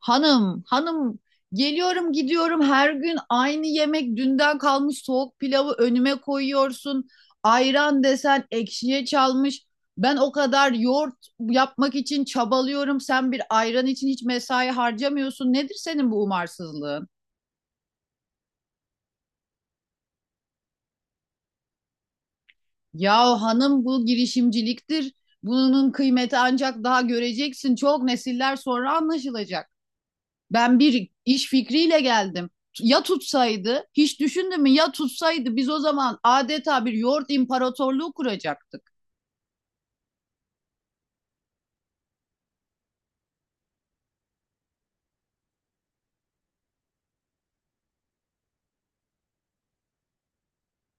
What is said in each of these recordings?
Hanım, hanım geliyorum gidiyorum her gün aynı yemek dünden kalmış soğuk pilavı önüme koyuyorsun. Ayran desen ekşiye çalmış. Ben o kadar yoğurt yapmak için çabalıyorum. Sen bir ayran için hiç mesai harcamıyorsun. Nedir senin bu umarsızlığın? Ya hanım bu girişimciliktir. Bunun kıymeti ancak daha göreceksin. Çok nesiller sonra anlaşılacak. Ben bir iş fikriyle geldim. Ya tutsaydı, hiç düşündün mü? Ya tutsaydı biz o zaman adeta bir yoğurt imparatorluğu kuracaktık.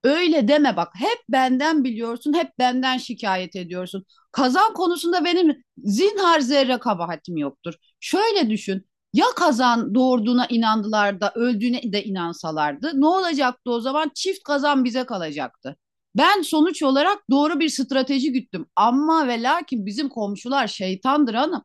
Öyle deme bak. Hep benden biliyorsun, hep benden şikayet ediyorsun. Kazan konusunda benim zinhar zerre kabahatim yoktur. Şöyle düşün. Ya kazan doğurduğuna inandılar da öldüğüne de inansalardı ne olacaktı o zaman? Çift kazan bize kalacaktı. Ben sonuç olarak doğru bir strateji güttüm. Ama ve lakin bizim komşular şeytandır hanım.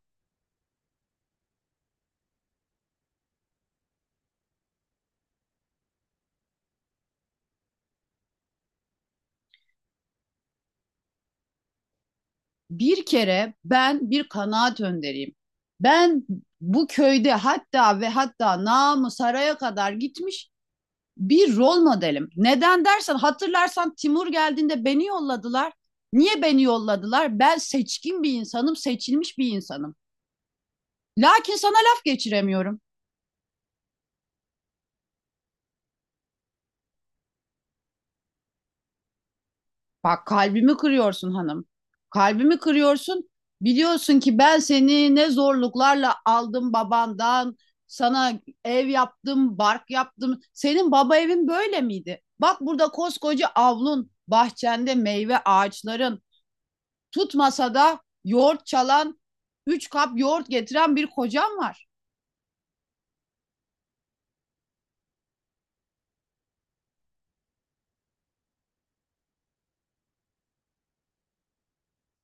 Bir kere ben bir kanaat önderiyim. Ben bu köyde hatta ve hatta namı saraya kadar gitmiş bir rol modelim. Neden dersen hatırlarsan Timur geldiğinde beni yolladılar. Niye beni yolladılar? Ben seçkin bir insanım, seçilmiş bir insanım. Lakin sana laf geçiremiyorum. Bak kalbimi kırıyorsun hanım. Kalbimi kırıyorsun. Biliyorsun ki ben seni ne zorluklarla aldım babandan. Sana ev yaptım, bark yaptım. Senin baba evin böyle miydi? Bak burada koskoca avlun, bahçende meyve ağaçların, tutmasa da yoğurt çalan, üç kap yoğurt getiren bir kocan var.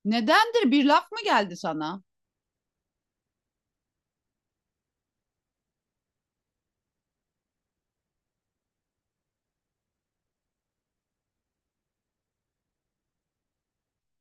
Nedendir? Bir laf mı geldi sana?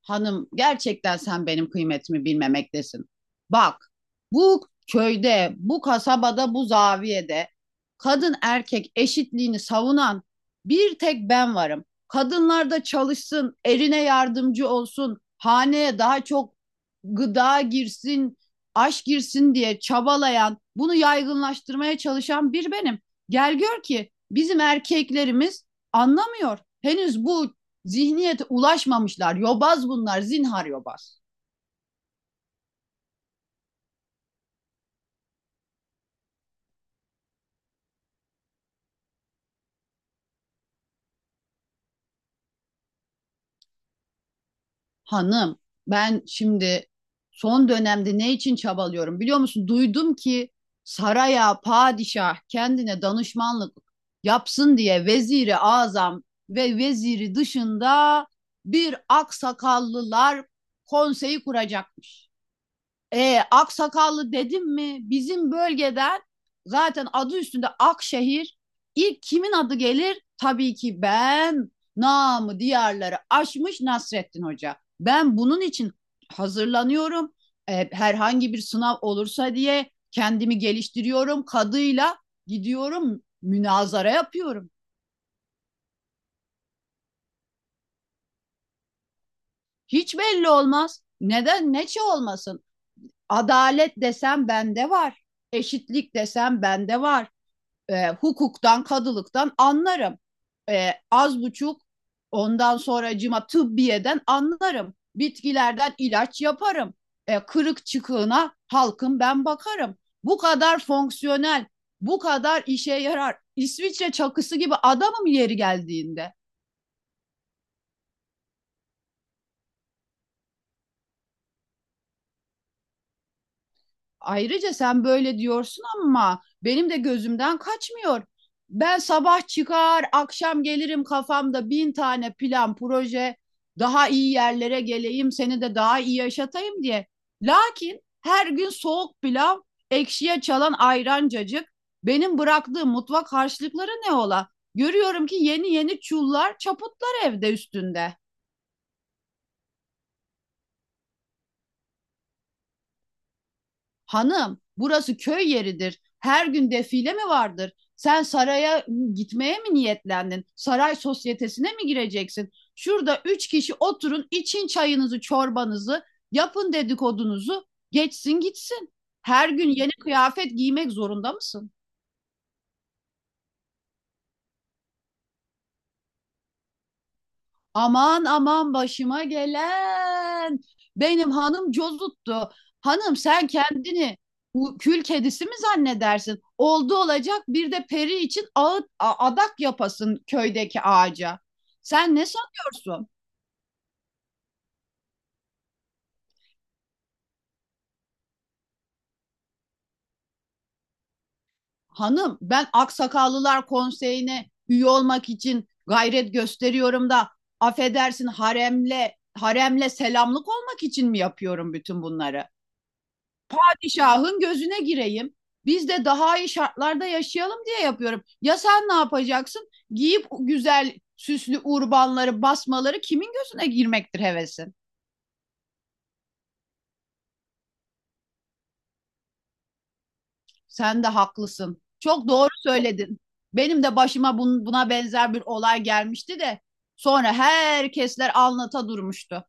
Hanım gerçekten sen benim kıymetimi bilmemektesin. Bak bu köyde, bu kasabada, bu zaviyede kadın erkek eşitliğini savunan bir tek ben varım. Kadınlar da çalışsın, erine yardımcı olsun, haneye daha çok gıda girsin, aşk girsin diye çabalayan, bunu yaygınlaştırmaya çalışan bir benim. Gel gör ki bizim erkeklerimiz anlamıyor. Henüz bu zihniyete ulaşmamışlar. Yobaz bunlar, zinhar yobaz. Hanım, ben şimdi son dönemde ne için çabalıyorum biliyor musun? Duydum ki saraya padişah kendine danışmanlık yapsın diye veziri azam ve veziri dışında bir aksakallılar konseyi kuracakmış. Aksakallı dedim mi? Bizim bölgeden zaten adı üstünde Akşehir. İlk kimin adı gelir? Tabii ki ben. Namı diyarları aşmış Nasrettin Hoca. Ben bunun için hazırlanıyorum. Herhangi bir sınav olursa diye kendimi geliştiriyorum. Kadıyla gidiyorum münazara yapıyorum. Hiç belli olmaz. Neden? Neçe olmasın? Adalet desem bende var. Eşitlik desem bende var hukuktan, kadılıktan anlarım. Az buçuk ondan sonra cima tıbbiyeden anlarım. Bitkilerden ilaç yaparım. Kırık çıkığına halkım ben bakarım. Bu kadar fonksiyonel, bu kadar işe yarar. İsviçre çakısı gibi adamım yeri geldiğinde. Ayrıca sen böyle diyorsun ama benim de gözümden kaçmıyor. Ben sabah çıkar, akşam gelirim kafamda 1.000 tane plan, proje, daha iyi yerlere geleyim, seni de daha iyi yaşatayım diye. Lakin her gün soğuk pilav, ekşiye çalan ayrancacık, benim bıraktığım mutfak harçlıkları ne ola? Görüyorum ki yeni yeni çullar, çaputlar evde üstünde. Hanım, burası köy yeridir. Her gün defile mi vardır? Sen saraya gitmeye mi niyetlendin? Saray sosyetesine mi gireceksin? Şurada üç kişi oturun, için çayınızı, çorbanızı, yapın dedikodunuzu, geçsin gitsin. Her gün yeni kıyafet giymek zorunda mısın? Aman aman başıma gelen. Benim hanım cozuttu. Hanım sen kendini bu kül kedisi mi zannedersin? Oldu olacak bir de peri için ağıt, adak yapasın köydeki ağaca. Sen ne sanıyorsun? Hanım ben Aksakallılar Konseyi'ne üye olmak için gayret gösteriyorum da affedersin haremle selamlık olmak için mi yapıyorum bütün bunları? Şahın gözüne gireyim. Biz de daha iyi şartlarda yaşayalım diye yapıyorum. Ya sen ne yapacaksın? Giyip güzel süslü urbanları, basmaları kimin gözüne girmektir hevesin? Sen de haklısın. Çok doğru söyledin. Benim de başıma buna benzer bir olay gelmişti de sonra herkesler anlata durmuştu.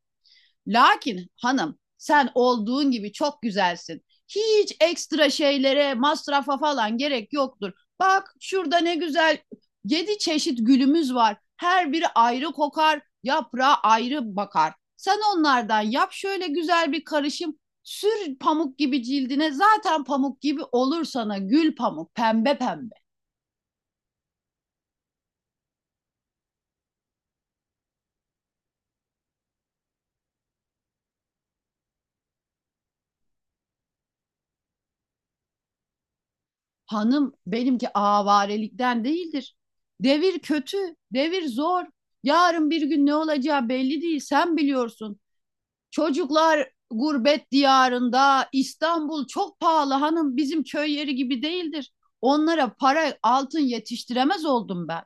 Lakin hanım sen olduğun gibi çok güzelsin. Hiç ekstra şeylere, masrafa falan gerek yoktur. Bak şurada ne güzel yedi çeşit gülümüz var. Her biri ayrı kokar, yaprağı ayrı bakar. Sen onlardan yap şöyle güzel bir karışım. Sür pamuk gibi cildine zaten pamuk gibi olur sana gül pamuk pembe pembe. Hanım benimki avarelikten değildir. Devir kötü, devir zor. Yarın bir gün ne olacağı belli değil, sen biliyorsun. Çocuklar gurbet diyarında, İstanbul çok pahalı hanım, bizim köy yeri gibi değildir. Onlara para, altın yetiştiremez oldum ben.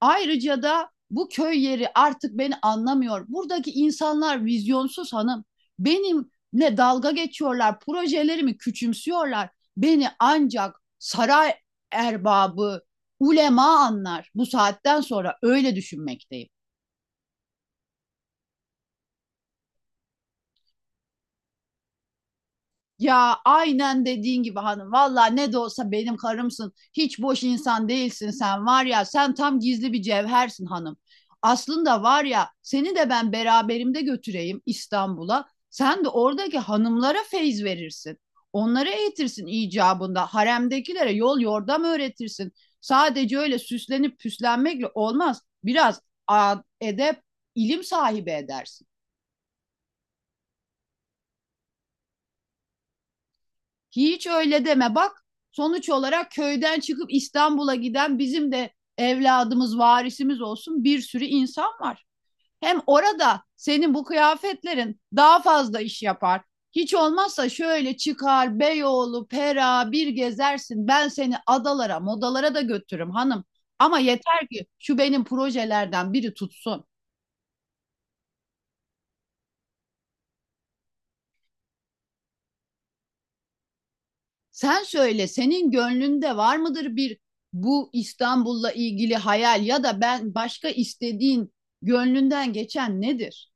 Ayrıca da bu köy yeri artık beni anlamıyor. Buradaki insanlar vizyonsuz hanım. Benimle dalga geçiyorlar, projelerimi küçümsüyorlar. Beni ancak saray erbabı, ulema anlar. Bu saatten sonra öyle düşünmekteyim. Ya aynen dediğin gibi hanım. Valla ne de olsa benim karımsın. Hiç boş insan değilsin sen var ya. Sen tam gizli bir cevhersin hanım. Aslında var ya seni de ben beraberimde götüreyim İstanbul'a. Sen de oradaki hanımlara feyz verirsin. Onları eğitirsin icabında. Haremdekilere yol yordam öğretirsin. Sadece öyle süslenip püslenmekle olmaz. Biraz edep, ilim sahibi edersin. Hiç öyle deme bak sonuç olarak köyden çıkıp İstanbul'a giden bizim de evladımız varisimiz olsun bir sürü insan var. Hem orada senin bu kıyafetlerin daha fazla iş yapar. Hiç olmazsa şöyle çıkar Beyoğlu, Pera bir gezersin. Ben seni adalara, modalara da götürürüm hanım. Ama yeter ki şu benim projelerden biri tutsun. Sen söyle senin gönlünde var mıdır bir bu İstanbul'la ilgili hayal ya da ben başka istediğin gönlünden geçen nedir?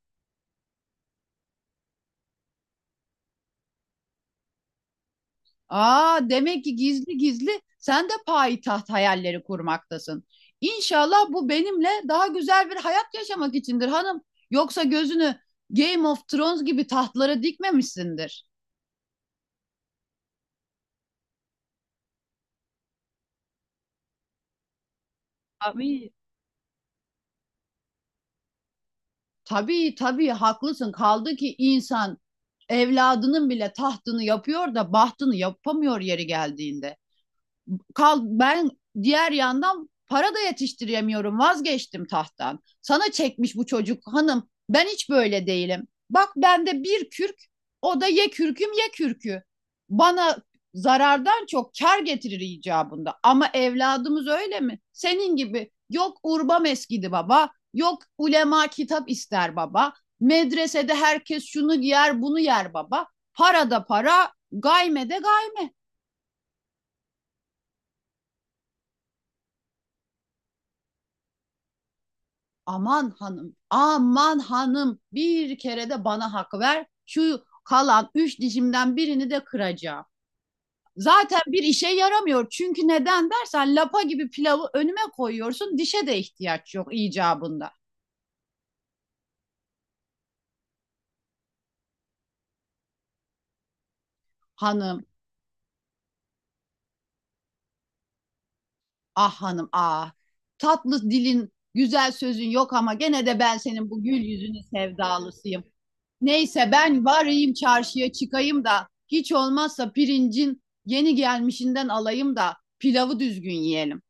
Aa demek ki gizli gizli sen de payitaht hayalleri kurmaktasın. İnşallah bu benimle daha güzel bir hayat yaşamak içindir hanım. Yoksa gözünü Game of Thrones gibi tahtlara dikmemişsindir. Amin. Tabii tabii haklısın. Kaldı ki insan evladının bile tahtını yapıyor da bahtını yapamıyor yeri geldiğinde kal ben diğer yandan para da yetiştiremiyorum vazgeçtim tahttan. Sana çekmiş bu çocuk hanım ben hiç böyle değilim. Bak bende bir kürk o da ye kürküm ye kürkü. Bana zarardan çok kar getirir icabında. Ama evladımız öyle mi? Senin gibi yok urba meskidi baba, yok ulema kitap ister baba. Medresede herkes şunu yer, bunu yer baba. Para da para, gayme de gayme. Aman hanım, aman hanım bir kere de bana hak ver. Şu kalan üç dişimden birini de kıracağım. Zaten bir işe yaramıyor. Çünkü neden dersen lapa gibi pilavı önüme koyuyorsun. Dişe de ihtiyaç yok icabında. Hanım, ah hanım, ah. Tatlı dilin, güzel sözün yok ama gene de ben senin bu gül yüzünün sevdalısıyım. Neyse ben varayım çarşıya çıkayım da hiç olmazsa pirincin yeni gelmişinden alayım da pilavı düzgün yiyelim.